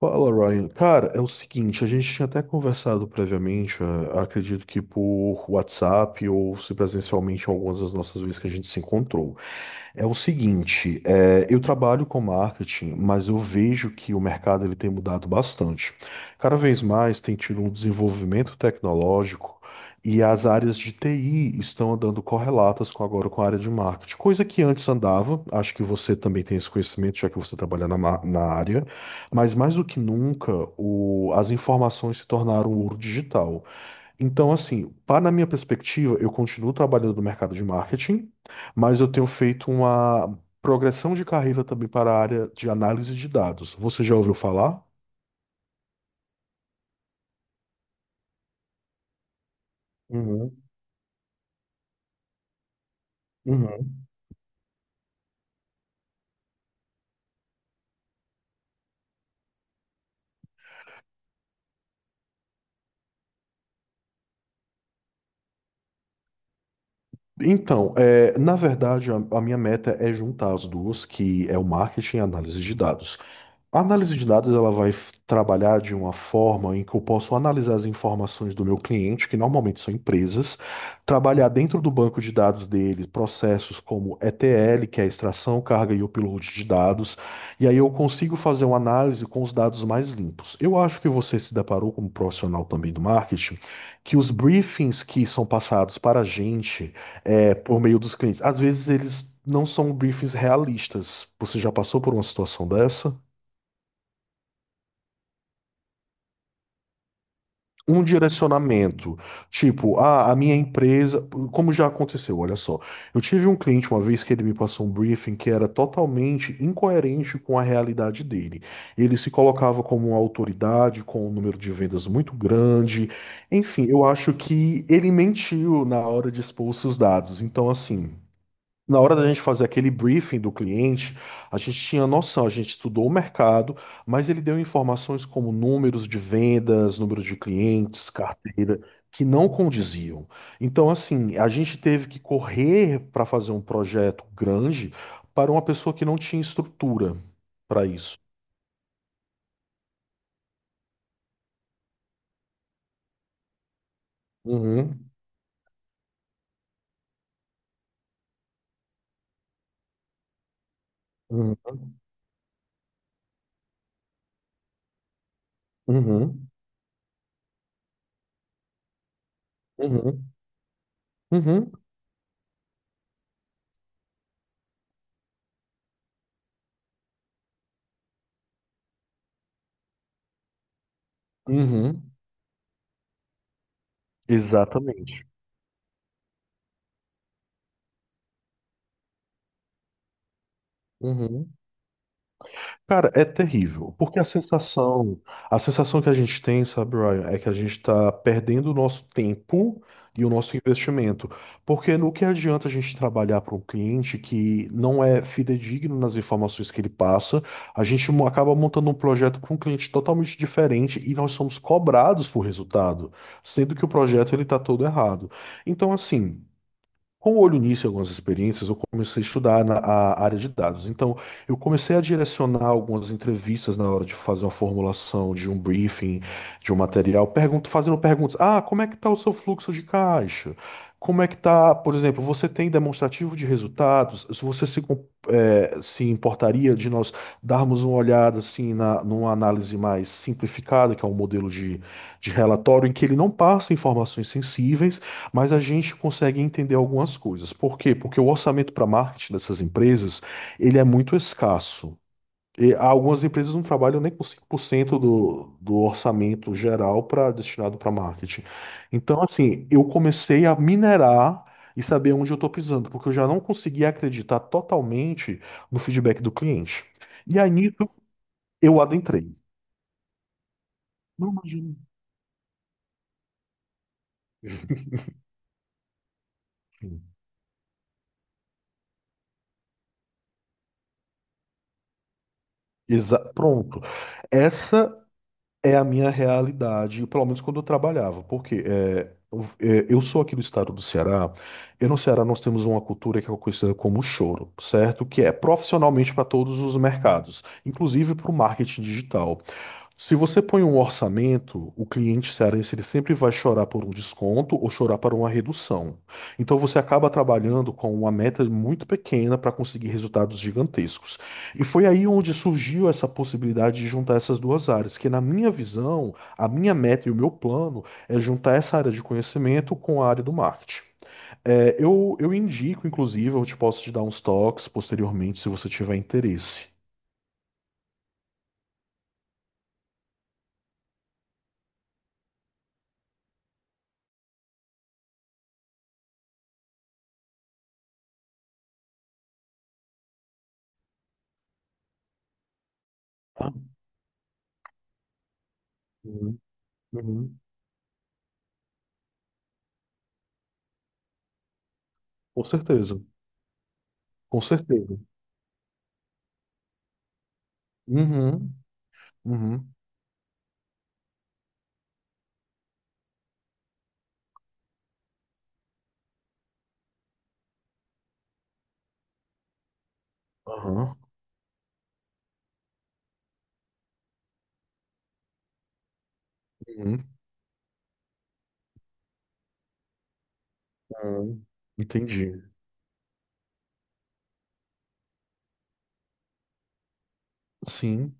Fala, Ryan. Cara, é o seguinte, a gente tinha até conversado previamente, acredito que por WhatsApp ou se presencialmente algumas das nossas vezes que a gente se encontrou. É o seguinte, eu trabalho com marketing, mas eu vejo que o mercado ele tem mudado bastante. Cada vez mais tem tido um desenvolvimento tecnológico e as áreas de TI estão andando correlatas com agora com a área de marketing, coisa que antes andava. Acho que você também tem esse conhecimento, já que você trabalha na, na área. Mas mais do que nunca, as informações se tornaram ouro digital. Então, assim, para na minha perspectiva, eu continuo trabalhando no mercado de marketing, mas eu tenho feito uma progressão de carreira também para a área de análise de dados. Você já ouviu falar? Uhum, uhum. Então, é, na verdade, a minha meta é juntar as duas, que é o marketing e a análise de dados. A análise de dados ela vai trabalhar de uma forma em que eu posso analisar as informações do meu cliente, que normalmente são empresas, trabalhar dentro do banco de dados dele processos como ETL, que é a extração, carga e upload de dados, e aí eu consigo fazer uma análise com os dados mais limpos. Eu acho que você se deparou como profissional também do marketing, que os briefings que são passados para a gente é, por meio dos clientes, às vezes eles não são briefings realistas. Você já passou por uma situação dessa? Um direcionamento. Tipo, ah, a minha empresa. Como já aconteceu, olha só. Eu tive um cliente uma vez que ele me passou um briefing que era totalmente incoerente com a realidade dele. Ele se colocava como uma autoridade, com um número de vendas muito grande. Enfim, eu acho que ele mentiu na hora de expor os seus dados. Então, assim. Na hora da gente fazer aquele briefing do cliente, a gente tinha noção, a gente estudou o mercado, mas ele deu informações como números de vendas, número de clientes, carteira, que não condiziam. Então, assim, a gente teve que correr para fazer um projeto grande para uma pessoa que não tinha estrutura para isso. Uhum, uhum, uhum, uhum, uhum, uhum. Exatamente. Cara, é terrível, porque a sensação que a gente tem, sabe, Ryan, é que a gente está perdendo o nosso tempo e o nosso investimento. Porque no que adianta a gente trabalhar para um cliente que não é fidedigno nas informações que ele passa, a gente acaba montando um projeto com um cliente totalmente diferente e nós somos cobrados por resultado, sendo que o projeto ele está todo errado. Então, assim. Com o olho nisso e algumas experiências, eu comecei a estudar na, a área de dados. Então, eu comecei a direcionar algumas entrevistas na hora de fazer uma formulação de um briefing, de um material, pergunto, fazendo perguntas. Ah, como é que está o seu fluxo de caixa? Como é que está, por exemplo, você tem demonstrativo de resultados? Se você se, se importaria de nós darmos uma olhada assim na, numa análise mais simplificada, que é um modelo de relatório, em que ele não passa informações sensíveis, mas a gente consegue entender algumas coisas. Por quê? Porque o orçamento para marketing dessas empresas, ele é muito escasso. E algumas empresas não trabalham nem com 5% do orçamento geral para destinado para marketing. Então, assim, eu comecei a minerar e saber onde eu estou pisando, porque eu já não conseguia acreditar totalmente no feedback do cliente. E aí, nisso, eu adentrei. Não imagino. Pronto. Essa é a minha realidade, pelo menos quando eu trabalhava, porque é, eu sou aqui do estado do Ceará, e no Ceará nós temos uma cultura que é conhecida como choro, certo? Que é profissionalmente para todos os mercados, inclusive para o marketing digital. Se você põe um orçamento, o cliente cearense ele sempre vai chorar por um desconto ou chorar por uma redução. Então você acaba trabalhando com uma meta muito pequena para conseguir resultados gigantescos. E foi aí onde surgiu essa possibilidade de juntar essas duas áreas, que na minha visão, a minha meta e o meu plano é juntar essa área de conhecimento com a área do marketing. É, eu indico, inclusive, eu te posso te dar uns toques posteriormente, se você tiver interesse. Tá? Uhum, uhum. Com certeza. Com certeza. Uhum, uhum, aham, uhum, uhum. Entendi. Sim,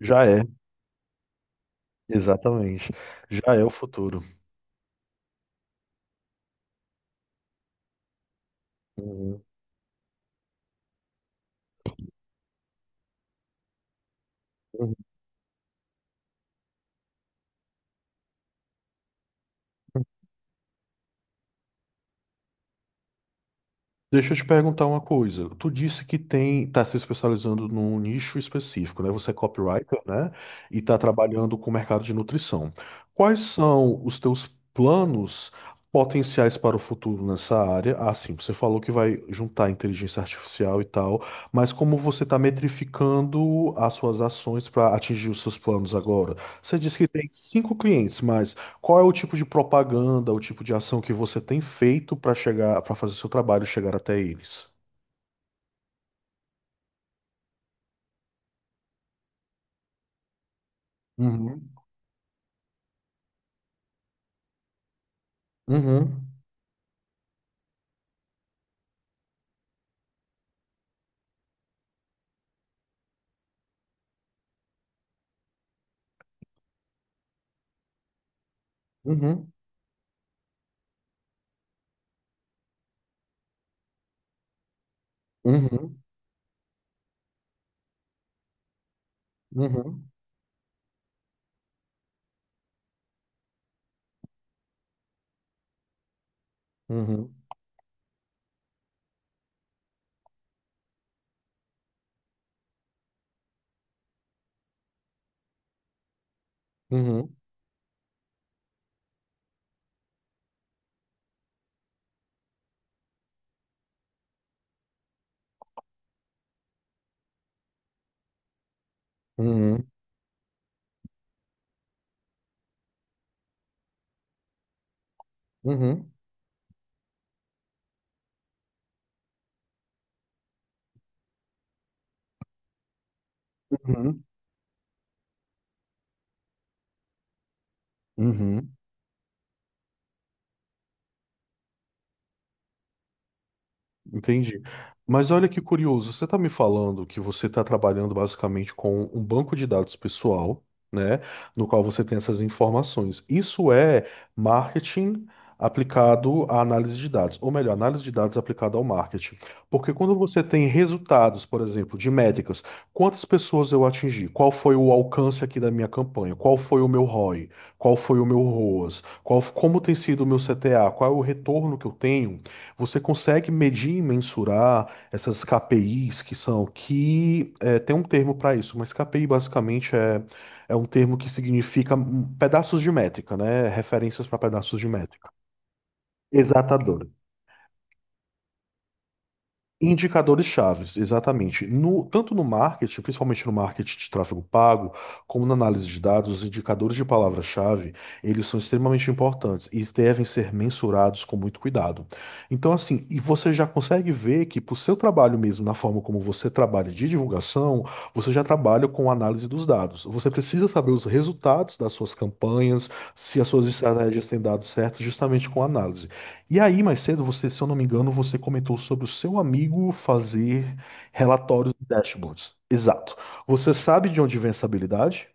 já é, exatamente. Já é o futuro. Uhum, uhum. Deixa eu te perguntar uma coisa. Tu disse que tem, tá se especializando num nicho específico, né? Você é copywriter, né? E tá trabalhando com o mercado de nutrição. Quais são os teus planos potenciais para o futuro nessa área? Ah, sim, você falou que vai juntar inteligência artificial e tal, mas como você está metrificando as suas ações para atingir os seus planos agora? Você disse que tem cinco clientes, mas qual é o tipo de propaganda, o tipo de ação que você tem feito para chegar, para fazer o seu trabalho chegar até eles? Uhum, uhum, uhum, uhum, uhum, uhum, uhum, uhum, uhum, uhum, uhum, uhum. Entendi. Mas olha que curioso, você está me falando que você está trabalhando basicamente com um banco de dados pessoal, né, no qual você tem essas informações. Isso é marketing aplicado à análise de dados, ou melhor, análise de dados aplicada ao marketing. Porque quando você tem resultados, por exemplo, de métricas, quantas pessoas eu atingi? Qual foi o alcance aqui da minha campanha? Qual foi o meu ROI? Qual foi o meu ROAS? Qual, como tem sido o meu CTA? Qual é o retorno que eu tenho? Você consegue medir e mensurar essas KPIs que são, que é, tem um termo para isso, mas KPI basicamente é, é um termo que significa pedaços de métrica, né? Referências para pedaços de métrica. Exatamente. Indicadores chaves, exatamente. Tanto no marketing, principalmente no marketing de tráfego pago, como na análise de dados, os indicadores de palavra-chave, eles são extremamente importantes e devem ser mensurados com muito cuidado. Então, assim, e você já consegue ver que para o seu trabalho mesmo, na forma como você trabalha de divulgação, você já trabalha com análise dos dados. Você precisa saber os resultados das suas campanhas, se as suas estratégias têm dado certo, justamente com análise. E aí, mais cedo, você, se eu não me engano, você comentou sobre o seu amigo fazer relatórios e dashboards. Exato. Você sabe de onde vem essa habilidade?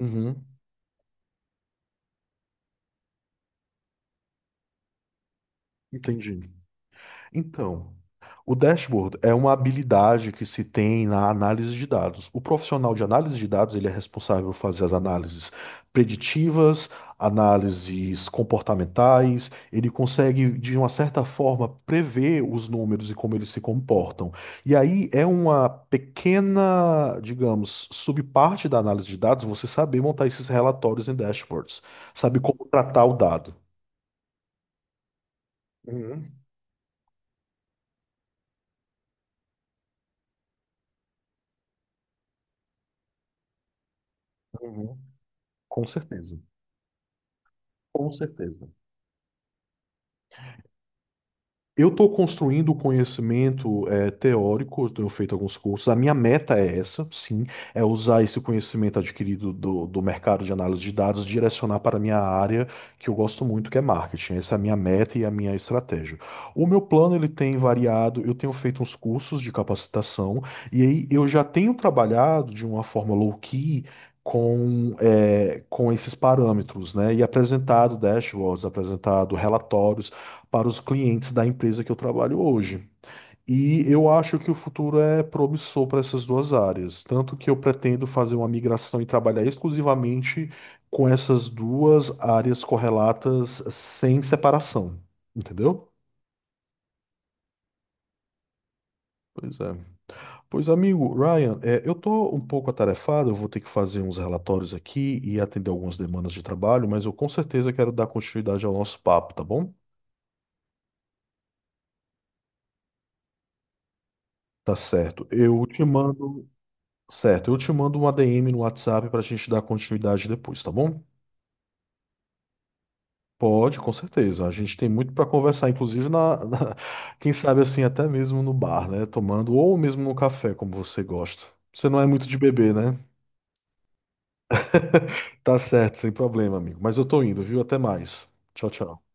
Uhum, entendi. Então. O dashboard é uma habilidade que se tem na análise de dados. O profissional de análise de dados, ele é responsável por fazer as análises preditivas, análises comportamentais, ele consegue, de uma certa forma, prever os números e como eles se comportam. E aí é uma pequena, digamos, subparte da análise de dados você saber montar esses relatórios em dashboards, saber como tratar o dado. Uhum, uhum. Com certeza. Com certeza. Eu estou construindo o conhecimento teórico, eu tenho feito alguns cursos. A minha meta é essa, sim, é usar esse conhecimento adquirido do mercado de análise de dados, direcionar para a minha área que eu gosto muito, que é marketing. Essa é a minha meta e a minha estratégia. O meu plano ele tem variado, eu tenho feito uns cursos de capacitação, e aí eu já tenho trabalhado de uma forma low-key. Com, com esses parâmetros, né? E apresentado dashboards, apresentado relatórios, para os clientes da empresa que eu trabalho hoje. E eu acho que o futuro é promissor para essas duas áreas, tanto que eu pretendo fazer uma migração e trabalhar exclusivamente com essas duas áreas correlatas sem separação, entendeu? Pois é. Pois, amigo, Ryan, é, eu tô um pouco atarefado, eu vou ter que fazer uns relatórios aqui e atender algumas demandas de trabalho, mas eu com certeza quero dar continuidade ao nosso papo, tá bom? Tá certo. Eu te mando. Certo, eu te mando um ADM no WhatsApp para a gente dar continuidade depois, tá bom? Pode, com certeza. A gente tem muito para conversar, inclusive na, na- quem sabe assim, até mesmo no bar, né? Tomando ou mesmo no café, como você gosta. Você não é muito de beber, né? Tá certo, sem problema, amigo. Mas eu tô indo, viu? Até mais. Tchau, tchau.